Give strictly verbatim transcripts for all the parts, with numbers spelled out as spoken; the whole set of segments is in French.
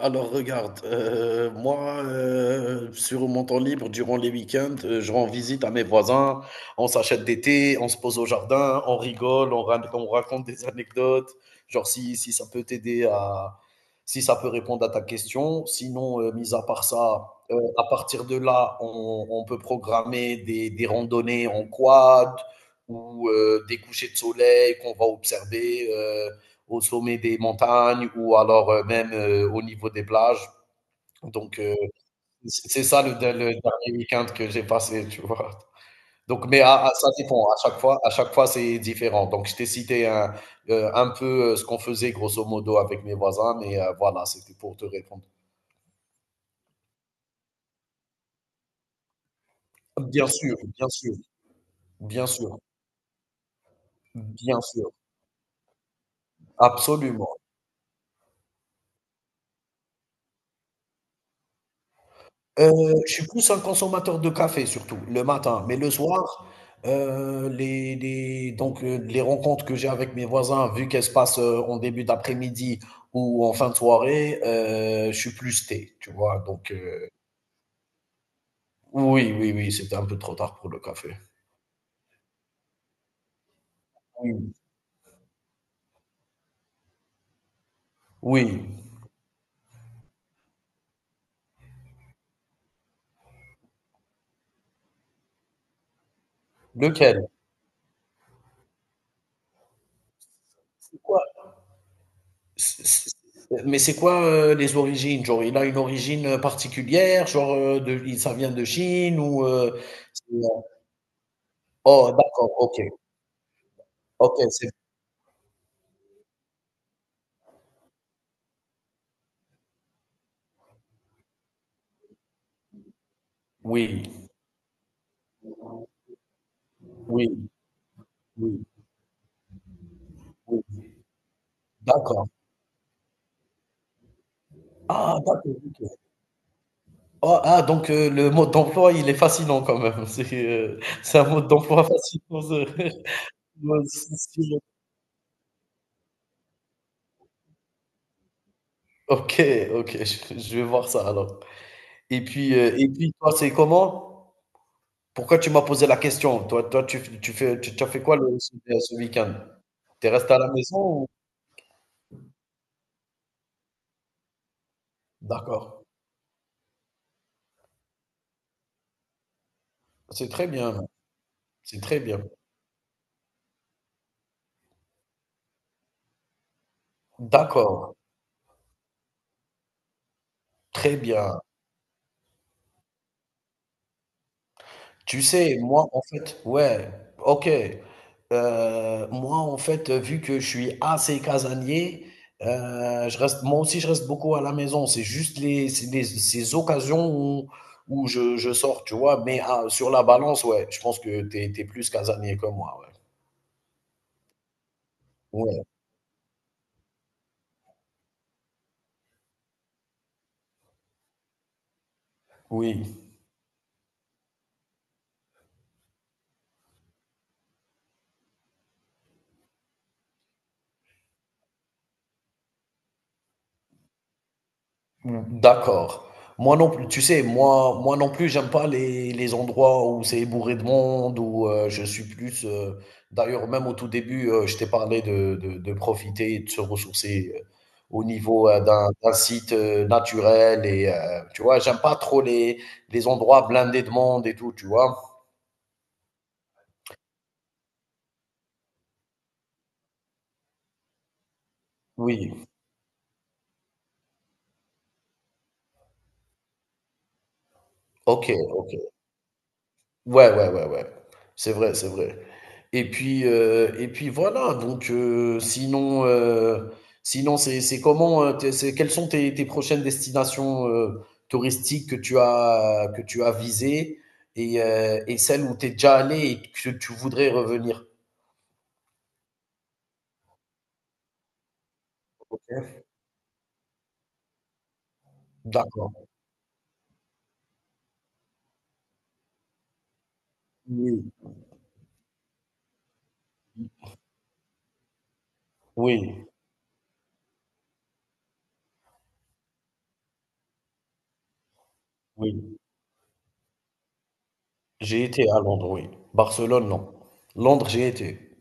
Alors regarde, euh, moi, euh, sur mon temps libre, durant les week-ends, euh, je rends visite à mes voisins, on s'achète des thés, on se pose au jardin, on rigole, on, ra- on raconte des anecdotes, genre si, si ça peut t'aider à, si ça peut répondre à ta question. Sinon, euh, mis à part ça, euh, à partir de là, on, on peut programmer des, des randonnées en quad ou euh, des couchers de soleil qu'on va observer, euh, au sommet des montagnes ou alors euh, même euh, au niveau des plages. Donc, euh, c'est ça le, le dernier week-end que j'ai passé, tu vois. Donc, mais à, à, ça dépend. À chaque fois, à chaque fois, c'est différent. Donc, je t'ai cité un, euh, un peu euh, ce qu'on faisait grosso modo avec mes voisins, mais euh, voilà, c'était pour te répondre. Bien sûr, bien sûr, bien sûr, bien sûr, absolument. Heu, je suis plus un consommateur de café surtout, le matin, mais le soir, heu, les les donc heu, les rencontres que j'ai avec mes voisins, vu qu'elles se passent, heu, en début d'après-midi ou en fin de soirée, heu, je suis plus thé, tu vois? Donc, heu, oui, oui, oui, c'était un peu trop tard pour le café. Oui, oui. Lequel? C'est quoi? C c Mais c'est quoi, heu, les origines? Genre, il a une origine, heu, particulière? Genre, heu, de i ça vient de Chine ou heu, c'est, heu oh d'accord, OK, OK, c'est. Oui, oui, oui, oui. D'accord. Ah d'accord, OK. Oh, ah donc heu, le mode d'emploi, il est fascinant quand même. C'est, heu, c'est un mode d'emploi fascinant ce ouais, c'est stylé. OK, OK, je je vais voir ça alors. Et puis, heu et puis toi, c'est comment? Pourquoi tu m'as posé la question? Toi toi, tu tu fais tu tu as fait quoi le ce ce week-end? Tu es resté à la maison ou? D'accord. C'est très bien, c'est très bien. D'accord, très bien. Tu sais, moi, en fait ouais, OK. Heu, moi, en fait, vu que je suis assez casanier, heu, je reste moi aussi, je reste beaucoup à la maison. C'est juste les c'est les ces occasions où où je je sors, tu vois? Mais ah, sur la balance, ouais, je pense que tu es tu es plus casanier que moi, ouais. Ouais, oui. Ouais. D'accord. Moi non plus, tu sais, moi, moi non plus, j'aime pas les, les endroits où c'est bourré de monde, où euh, je suis plus. Euh, d'ailleurs, même au tout début, euh, je t'ai parlé de, de, de profiter et de se ressourcer euh, au niveau euh, d'un, d'un site euh, naturel. Et euh, tu vois, j'aime pas trop les, les endroits blindés de monde et tout, tu vois. Oui, ok, ok. Ouais, ouais, ouais, ouais. C'est vrai, c'est vrai. Et puis, euh, et puis voilà. Donc, euh, sinon, euh, sinon, c'est c'est comment, euh, t'es- c'est quelles sont tes, tes prochaines destinations euh, touristiques que tu as que tu as visées et, euh, et celles où tu es déjà allé et que tu voudrais revenir. D'accord. Oui. Oui, oui. J'ai été à Londres, oui. Barcelone, non. Londres, j'ai été.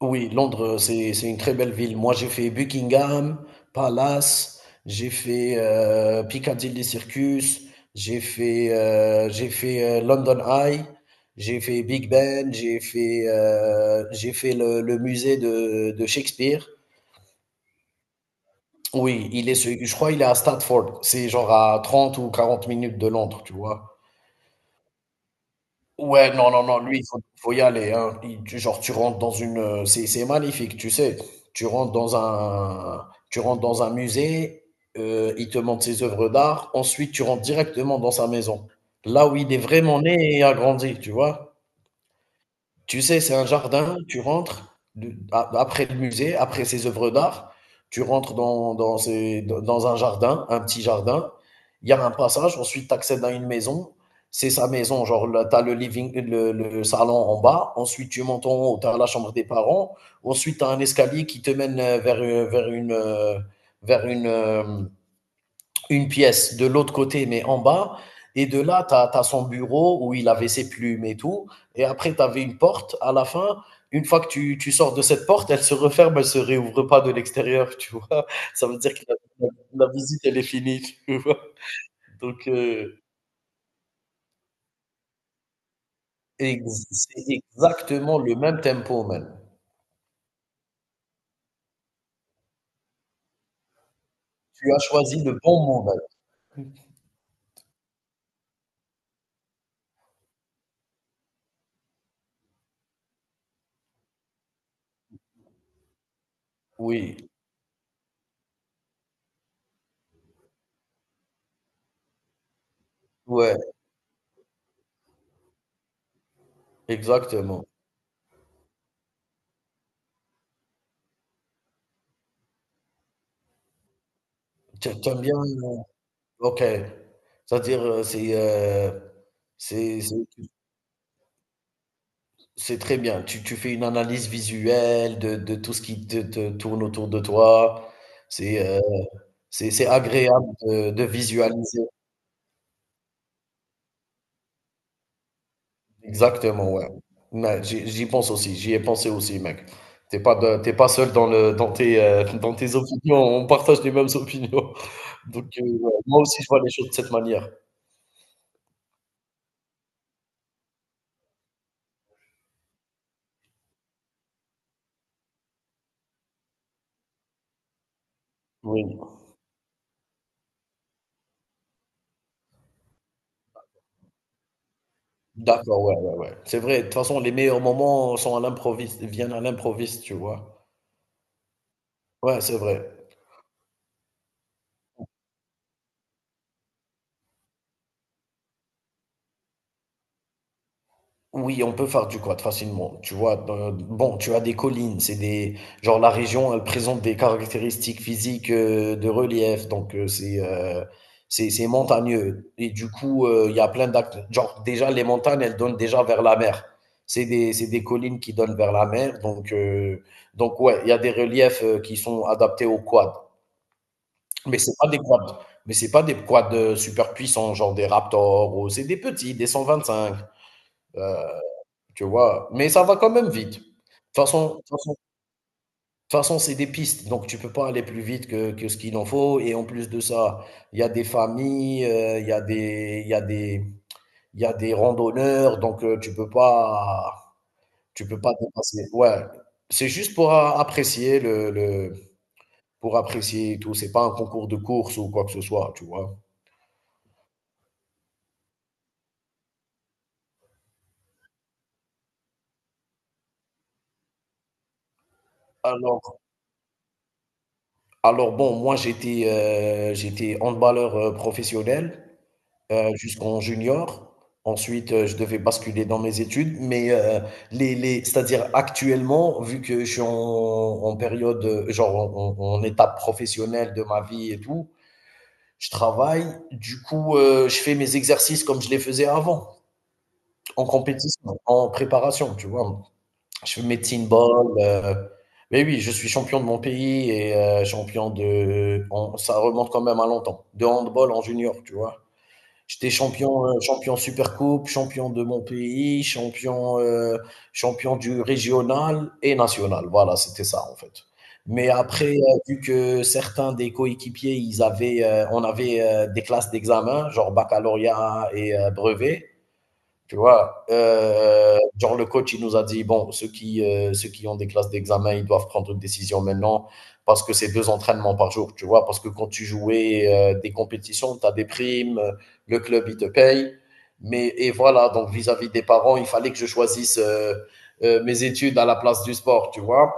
Oui, Londres, c'est c'est une très belle ville. Moi, j'ai fait Buckingham Palace, j'ai fait, heu, Piccadilly Circus, j'ai fait, heu, j'ai fait, heu, London Eye, j'ai fait Big Ben, j'ai fait, heu, j'ai fait le le musée de de Shakespeare. Oui, il est se je crois il est à Stratford. C'est genre à trente ou quarante minutes de Londres, tu vois? Ouais, non, non, non, lui, il faut, faut y aller, hein. Il- tu- genre, tu rentres dans une, euh, C'est, c'est magnifique, tu sais. Tu rentres dans un, tu rentres dans un musée, euh, il te montre ses œuvres d'art. Ensuite, tu rentres directement dans sa maison, là où il est vraiment né et a grandi, tu vois. Tu sais, c'est un jardin, tu rentres de- a- après le musée, après ces œuvres d'art, tu rentres dans, dans, ces- dans un jardin, un petit jardin, il y a un passage, ensuite tu accèdes à une maison, c'est sa maison, genre tu as le living, le, le salon en bas, ensuite tu montes en haut, tu as la chambre des parents, ensuite tu as un escalier qui te mène euh, vers, euh, vers une, euh, vers une, euh, une pièce de l'autre côté, mais en bas. Et de là, tu as son bureau où il avait ses plumes et tout. Et après, tu avais une porte à la fin. Une fois que tu, tu sors de cette porte, elle se referme, elle ne se réouvre pas de l'extérieur, tu vois. Ça veut dire que la, la- visite, elle est finie, tu vois. Donc, euh, ex- c'est exactement le même tempo, même. Tu as choisi le bon mot, man. Oui, ouais, exactement. Tu aimes bien. euh, Ok. C'est-à-dire, euh, c'est. euh, c'est c'est- C'est très bien. Tu, tu fais une analyse visuelle de, de tout ce qui te, te tourne autour de toi. C'est euh, c'est, c'est agréable de, de visualiser. Exactement, ouais. Ouais, j'y j'y pense aussi. J'y ai pensé aussi, mec. T'es pas, de- t'es pas seul dans, le, dans, tes, euh, dans tes opinions. On partage les mêmes opinions. Donc, euh, ouais, moi aussi, je vois les choses de cette manière. Oui, d'accord, ouais, ouais, ouais. C'est vrai, de toute façon, les meilleurs moments sont à l'improviste, viennent à l'improviste, tu vois. Ouais, c'est vrai. Oui, on peut faire du quad facilement. Tu vois, dans- bon, tu as des collines, c'est des, genre la région, elle présente des caractéristiques physiques euh, de relief, donc euh, c'est euh, c'est c'est montagneux. Et du coup, euh, il y a plein d'actes. Genre déjà les montagnes, elles donnent déjà vers la mer. C'est des c'est des collines qui donnent vers la mer, donc euh, donc ouais, il y a des reliefs euh, qui sont adaptés au quad. Mais c'est pas des quads, mais c'est pas des quads euh, super puissants, genre des Raptors, ou c'est des petits, des cent vingt-cinq. euh, Tu vois? Mais ça va quand même vite. De toute façon de toute façon de toute façon, c'est des pistes, donc tu peux pas aller plus vite que que ce qu'il en faut et en plus de ça, il y a des familles, heu, il y a des il y a des il y a des randonneurs, donc heu, tu peux pas tu peux pas dépasser ouais. C'est juste pour a apprécier le le pour apprécier et tout, c'est pas un concours de course ou quoi que ce soit, tu vois? Alors alors bon, moi j'étais, heu, j'étais handballeur, heu, professionnel. Heu, jusqu'en junior. Ensuite, heu, je devais basculer dans mes études, mais, heu, les les c'est-à-dire actuellement, vu que je suis en en période, heu, genre en en en étape professionnelle de ma vie et tout, je travaille. Du coup, heu, je fais mes exercices comme je les faisais avant, en compétition, en préparation, tu vois? Je fais mes teen ball, heu mais oui, je suis champion de mon pays et heu, champion de en ça remonte quand même à longtemps, de handball en junior, tu vois? J'étais champion, heu, champion Supercoupe, champion de mon pays, champion, heu, champion du régional et national. Voilà, c'était ça, en fait. Mais après, heu, vu que certains des coéquipiers, ils avaient, heu, on avait, heu, des classes d'examen, genre baccalauréat et heu, brevet. Tu vois, euh, genre le coach, il nous a dit, bon, ceux qui, euh, ceux qui ont des classes d'examen, ils doivent prendre une décision maintenant parce que c'est deux entraînements par jour, tu vois, parce que quand tu jouais euh, des compétitions, tu as des primes, euh, le club, il te paye. Mais, et voilà, donc vis-à-vis des parents, il fallait que je choisisse euh, euh, mes études à la place du sport, tu vois.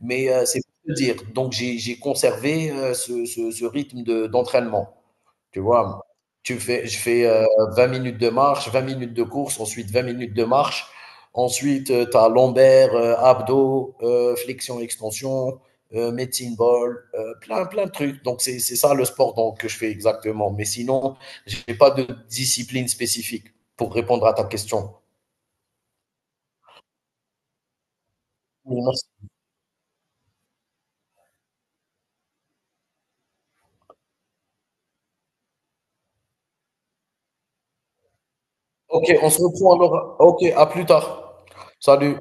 Mais euh, c'est pour te dire, donc j'ai j'ai conservé euh, ce, ce- ce rythme de- d'entraînement. Tu vois, tu fais, je fais euh, vingt minutes de marche, vingt minutes de course, ensuite vingt minutes de marche. Ensuite, tu as lombaire, euh, abdos, euh, flexion, extension, euh, medicine ball, euh, plein, plein de trucs. Donc, c'est c'est ça le sport donc, que je fais exactement. Mais sinon, je n'ai pas de discipline spécifique pour répondre à ta question. Oui, Ok, on se reprend alors. Ok, à plus tard. Salut.